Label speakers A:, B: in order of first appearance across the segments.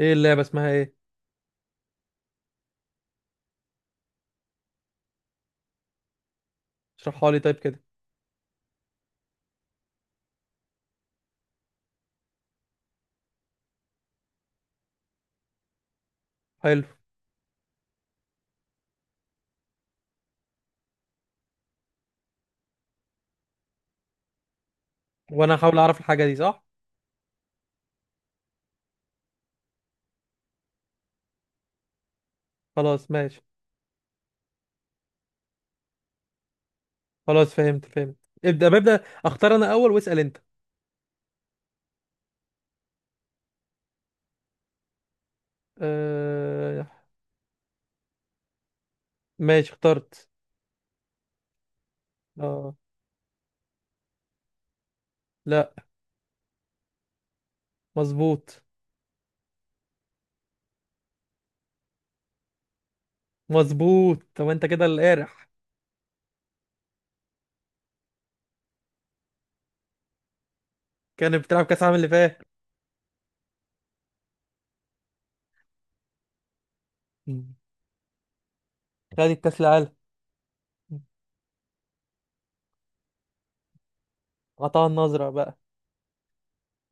A: ايه اللعبة اسمها ايه؟ اشرحها لي طيب كده. حلو. وانا هحاول اعرف الحاجة دي صح. خلاص ماشي. خلاص فهمت. ابدأ ببدأ. اختار انا اول واسأل انت. آه... ماشي اخترت. اه. لا. مظبوط. مظبوط طب انت كده القارح. كان بتلعب كاس العالم اللي فات. مم. خد الكاس العالم. قطع النظرة بقى.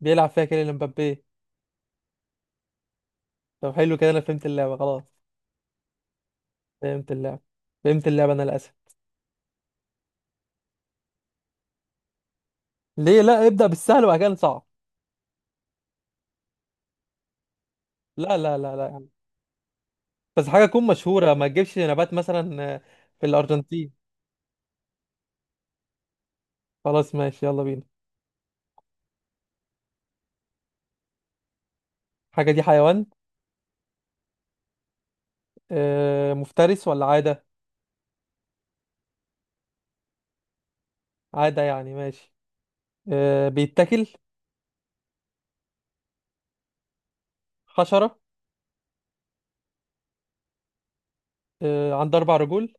A: بيلعب فيها كيليان مبابي. طب حلو كده انا فهمت اللعبة خلاص. فهمت اللعبة. فهمت اللعبة انا للاسف. ليه؟ لا ابدأ بالسهل وبعد كده نصعب. لا، لا. بس حاجة تكون مشهورة ما تجيبش نبات مثلا، في الأرجنتين. خلاص ماشي يلا بينا. حاجة دي حيوان؟ مفترس ولا عادة؟ عادة يعني، ماشي. بيتاكل؟ حشرة؟ عنده أربع رجول؟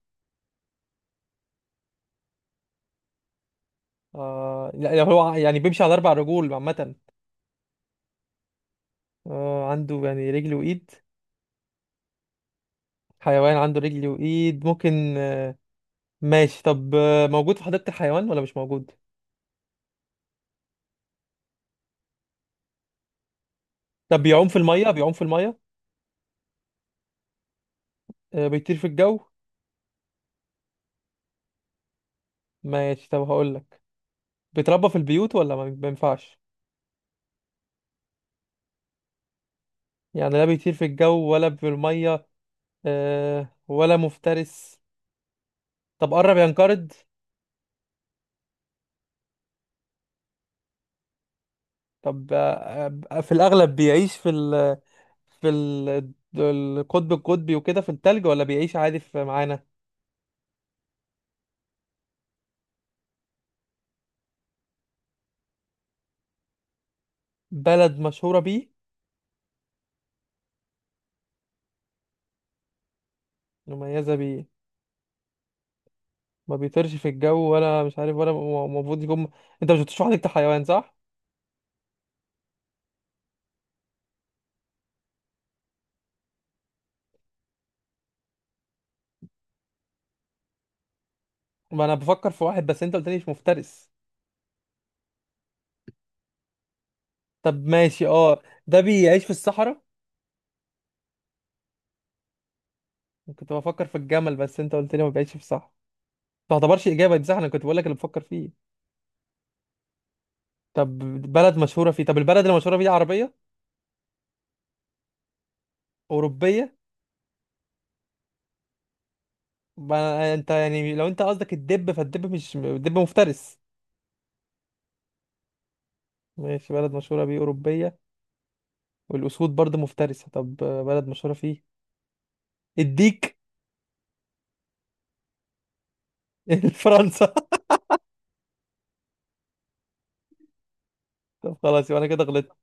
A: لا هو يعني بيمشي على أربع رجول عامة؟ عنده يعني رجل وإيد؟ حيوان عنده رجل وإيد ممكن ماشي. طب موجود في حديقة الحيوان ولا مش موجود؟ طب بيعوم في المية؟ بيطير في الجو؟ ماشي طب هقولك، بيتربى في البيوت ولا ما ينفعش؟ يعني لا بيطير في الجو ولا في المية، ولا مفترس. طب قرب ينقرض؟ طب في الأغلب بيعيش في ال القطب القطبي وكده في التلج ولا بيعيش عادي في معانا؟ بلد مشهورة بيه؟ مميزة بيه؟ ما بيطيرش في الجو ولا مش عارف ولا المفروض يكون. انت مش بتشرح لي انت حيوان، صح؟ ما انا بفكر في واحد بس انت قلت لي مش مفترس. طب ماشي، اه ده بيعيش في الصحراء؟ كنت بفكر في الجمل بس انت قلت لي ما بيعيش في الصحراء. ما تعتبرش اجابه دي صح، انا كنت بقول لك اللي بفكر فيه. طب بلد مشهوره فيه؟ طب البلد اللي مشهوره بيه عربيه؟ اوروبيه؟ ما انت يعني لو انت قصدك الدب، فالدب مش مفترس. ماشي بلد مشهوره بيه اوروبيه، والاسود برضه مفترسه. طب بلد مشهوره فيه الديك؟ فرنسا. طب خلاص، يبقى انا كده غلطت.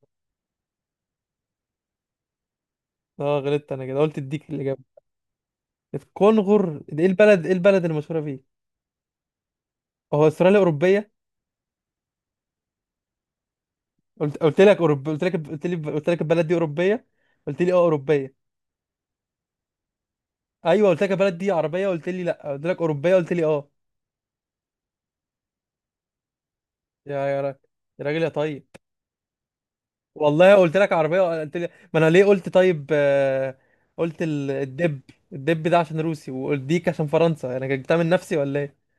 A: اه غلطت انا كده، قلت الديك الاجابه. الكونغر؟ ايه البلد؟ ايه البلد اللي مشهوره فيه؟ هو استراليا اوروبيه؟ قلت لك اوروبيه. قلت لي قلت لك البلد دي اوروبيه، قلت لي اه اوروبيه. ايوه قلت لك يا بلد دي عربيه، قلت لي لا، قلت لك اوروبيه، قلت لي اه. يا راجل، يا راجل يا طيب. والله قلت لك عربيه، قلت لي ما انا ليه قلت طيب، قلت الدب. الدب ده عشان روسي والديك عشان فرنسا، انا جبتها من نفسي ولا ايه؟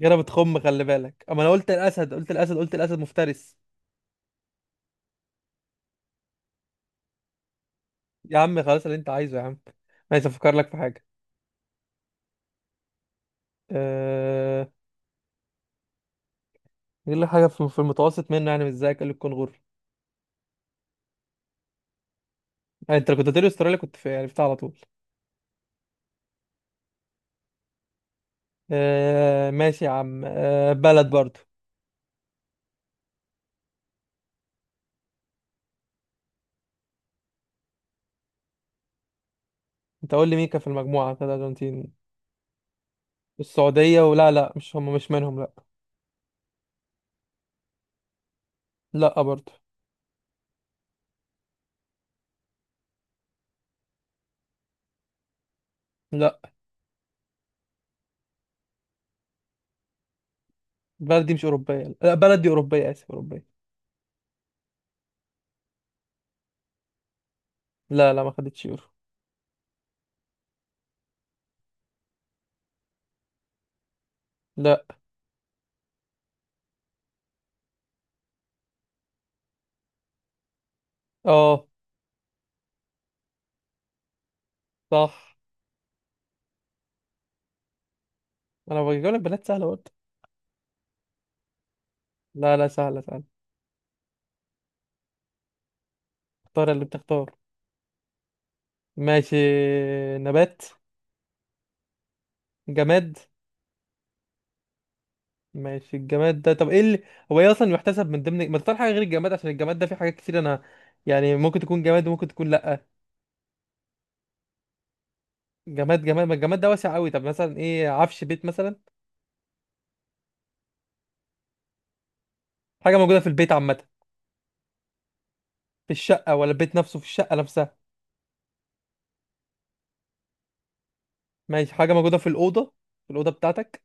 A: كده بتخم، خلي بالك. اما انا قلت الاسد، قلت الاسد، قلت الاسد مفترس. يا عم خلاص اللي انت عايزه يا عم. عايز افكر لك في حاجه. أه... يقول لك حاجه في المتوسط منه، يعني مش زيك، قال لي الكونغر. يعني انت لو كنت هتقولي استراليا كنت في عرفتها على طول. ماشي يا عم. بلد برضو. انت قول لي مين كان في المجموعة بتاعت الأرجنتين؟ السعودية ولا لا؟ مش هم، مش منهم؟ لا، لا برضه، لا. بلدي مش أوروبية. لا بلدي أوروبية، آسف، أوروبية. لا لا ما خدتش يورو. لا. اه صح. أنا بجيب لك بلاد سهلة برضه. لا لا، سهلة سهلة. اختار اللي بتختار. ماشي. نبات. جماد. ماشي الجماد ده، طب ايه اللي، هو ايه اصلا يحتسب من ضمن ما تختار حاجة غير الجماد، عشان الجماد ده فيه حاجات كتير. انا يعني ممكن تكون جماد وممكن تكون لا. جماد جماد، ما الجماد ده واسع قوي. طب مثلا ايه، عفش بيت مثلا؟ حاجه موجوده في البيت عامه؟ في الشقه ولا البيت نفسه، في الشقه نفسها؟ ماشي حاجه موجوده في الاوضه؟ في الاوضه بتاعتك.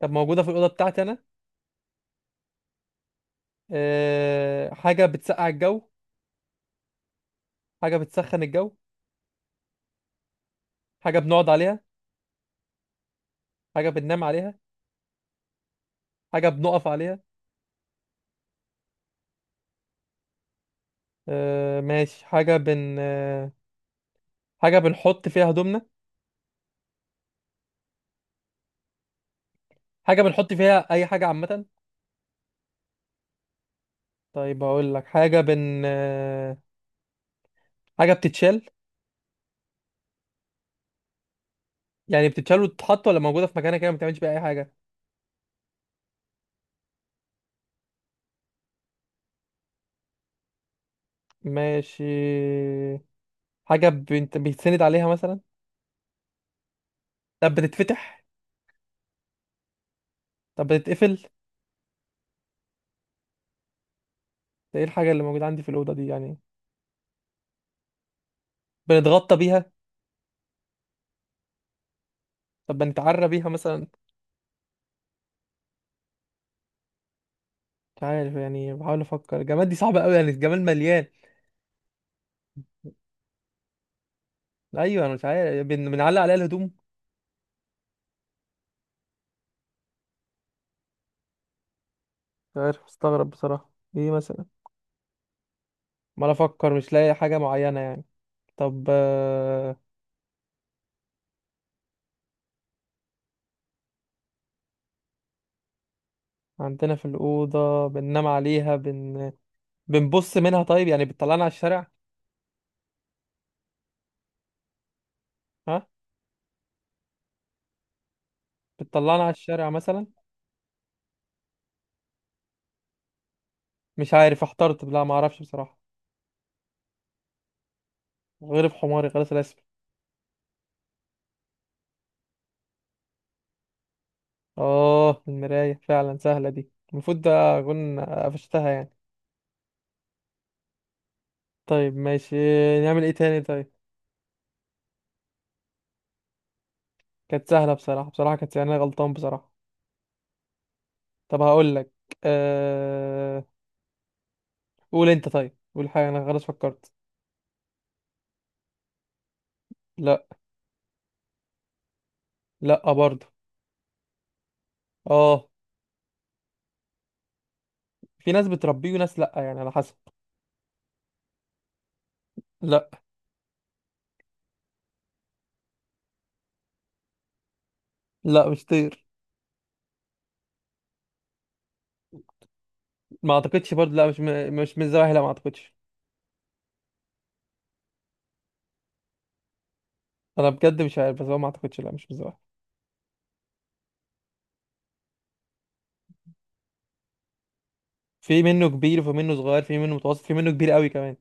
A: طب موجوده في الاوضه بتاعتي انا. حاجه بتسقع الجو؟ حاجه بتسخن الجو؟ حاجه بنقعد عليها؟ حاجه بننام عليها؟ حاجه بنقف عليها؟ ماشي. حاجه بنحط فيها هدومنا؟ حاجه بنحط فيها اي حاجه عامه؟ طيب هقول لك، حاجه بتتشال؟ يعني بتتشال وتتحط ولا موجوده في مكانها كده ما بتعملش بيها اي حاجه؟ ماشي. حاجة بنت بيتسند عليها مثلا؟ طب بتتفتح؟ طب بتتقفل؟ ده ايه الحاجة اللي موجودة عندي في الأوضة دي يعني؟ بنتغطى بيها؟ طب بنتعرى بيها مثلا؟ مش عارف يعني، بحاول أفكر، الجمال دي صعبة أوي يعني، الجمال مليان. أيوة أنا مش عارف، بنعلق عليها الهدوم؟ مش عارف، مستغرب بصراحة. ايه مثلا؟ ما أنا أفكر مش لاقي حاجة معينة يعني. طب عندنا في الأوضة بننام عليها، بنبص منها طيب يعني، بتطلعنا على الشارع؟ ها؟ بتطلعنا على الشارع مثلا؟ مش عارف احترت. لا ما اعرفش بصراحة. غريب حماري خلاص الاسم. اه المراية فعلا، سهلة دي المفروض ده اكون قفشتها يعني. طيب ماشي. نعمل ايه تاني طيب؟ كانت سهلة بصراحة، بصراحة كانت، يعني أنا غلطان بصراحة. طب هقول لك، أه... قول انت طيب، قول حاجة، انا خلاص فكرت. لا. لا برضه. اه. في ناس بتربيه وناس لا، يعني على حسب. لا. لا مش طير. ما اعتقدش برضه، لا مش م... مش من الزواحف لا، ما اعتقدش. انا بجد مش عارف، بس هو ما اعتقدش، لا مش من الزواحف. في منه كبير وفي منه صغير، في منه متوسط، في منه كبير قوي كمان.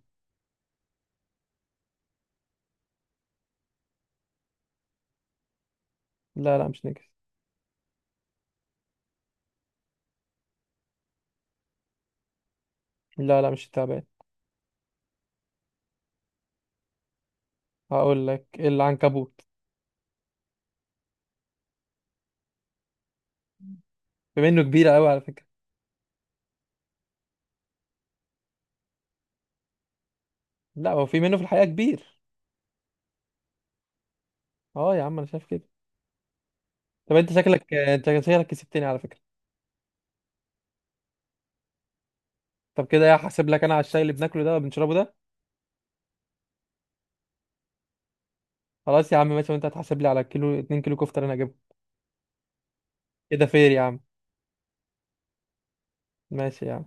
A: لا لا مش نجس. لا لا مش التعبان. هقول لك العنكبوت. بما انه كبير قوي على فكره. لا هو في منه في الحقيقه كبير. اه يا عم انا شايف كده. طب انت شكلك، انت شكلك كسبتني على فكره. طب كده يا هحاسب لك انا على الشاي اللي بناكله ده وبنشربه ده. خلاص يا عم ماشي، وانت هتحاسب لي على كيلو 2 كيلو كفته اللي انا هجيبها. كده فير يا عم. ماشي يا عم.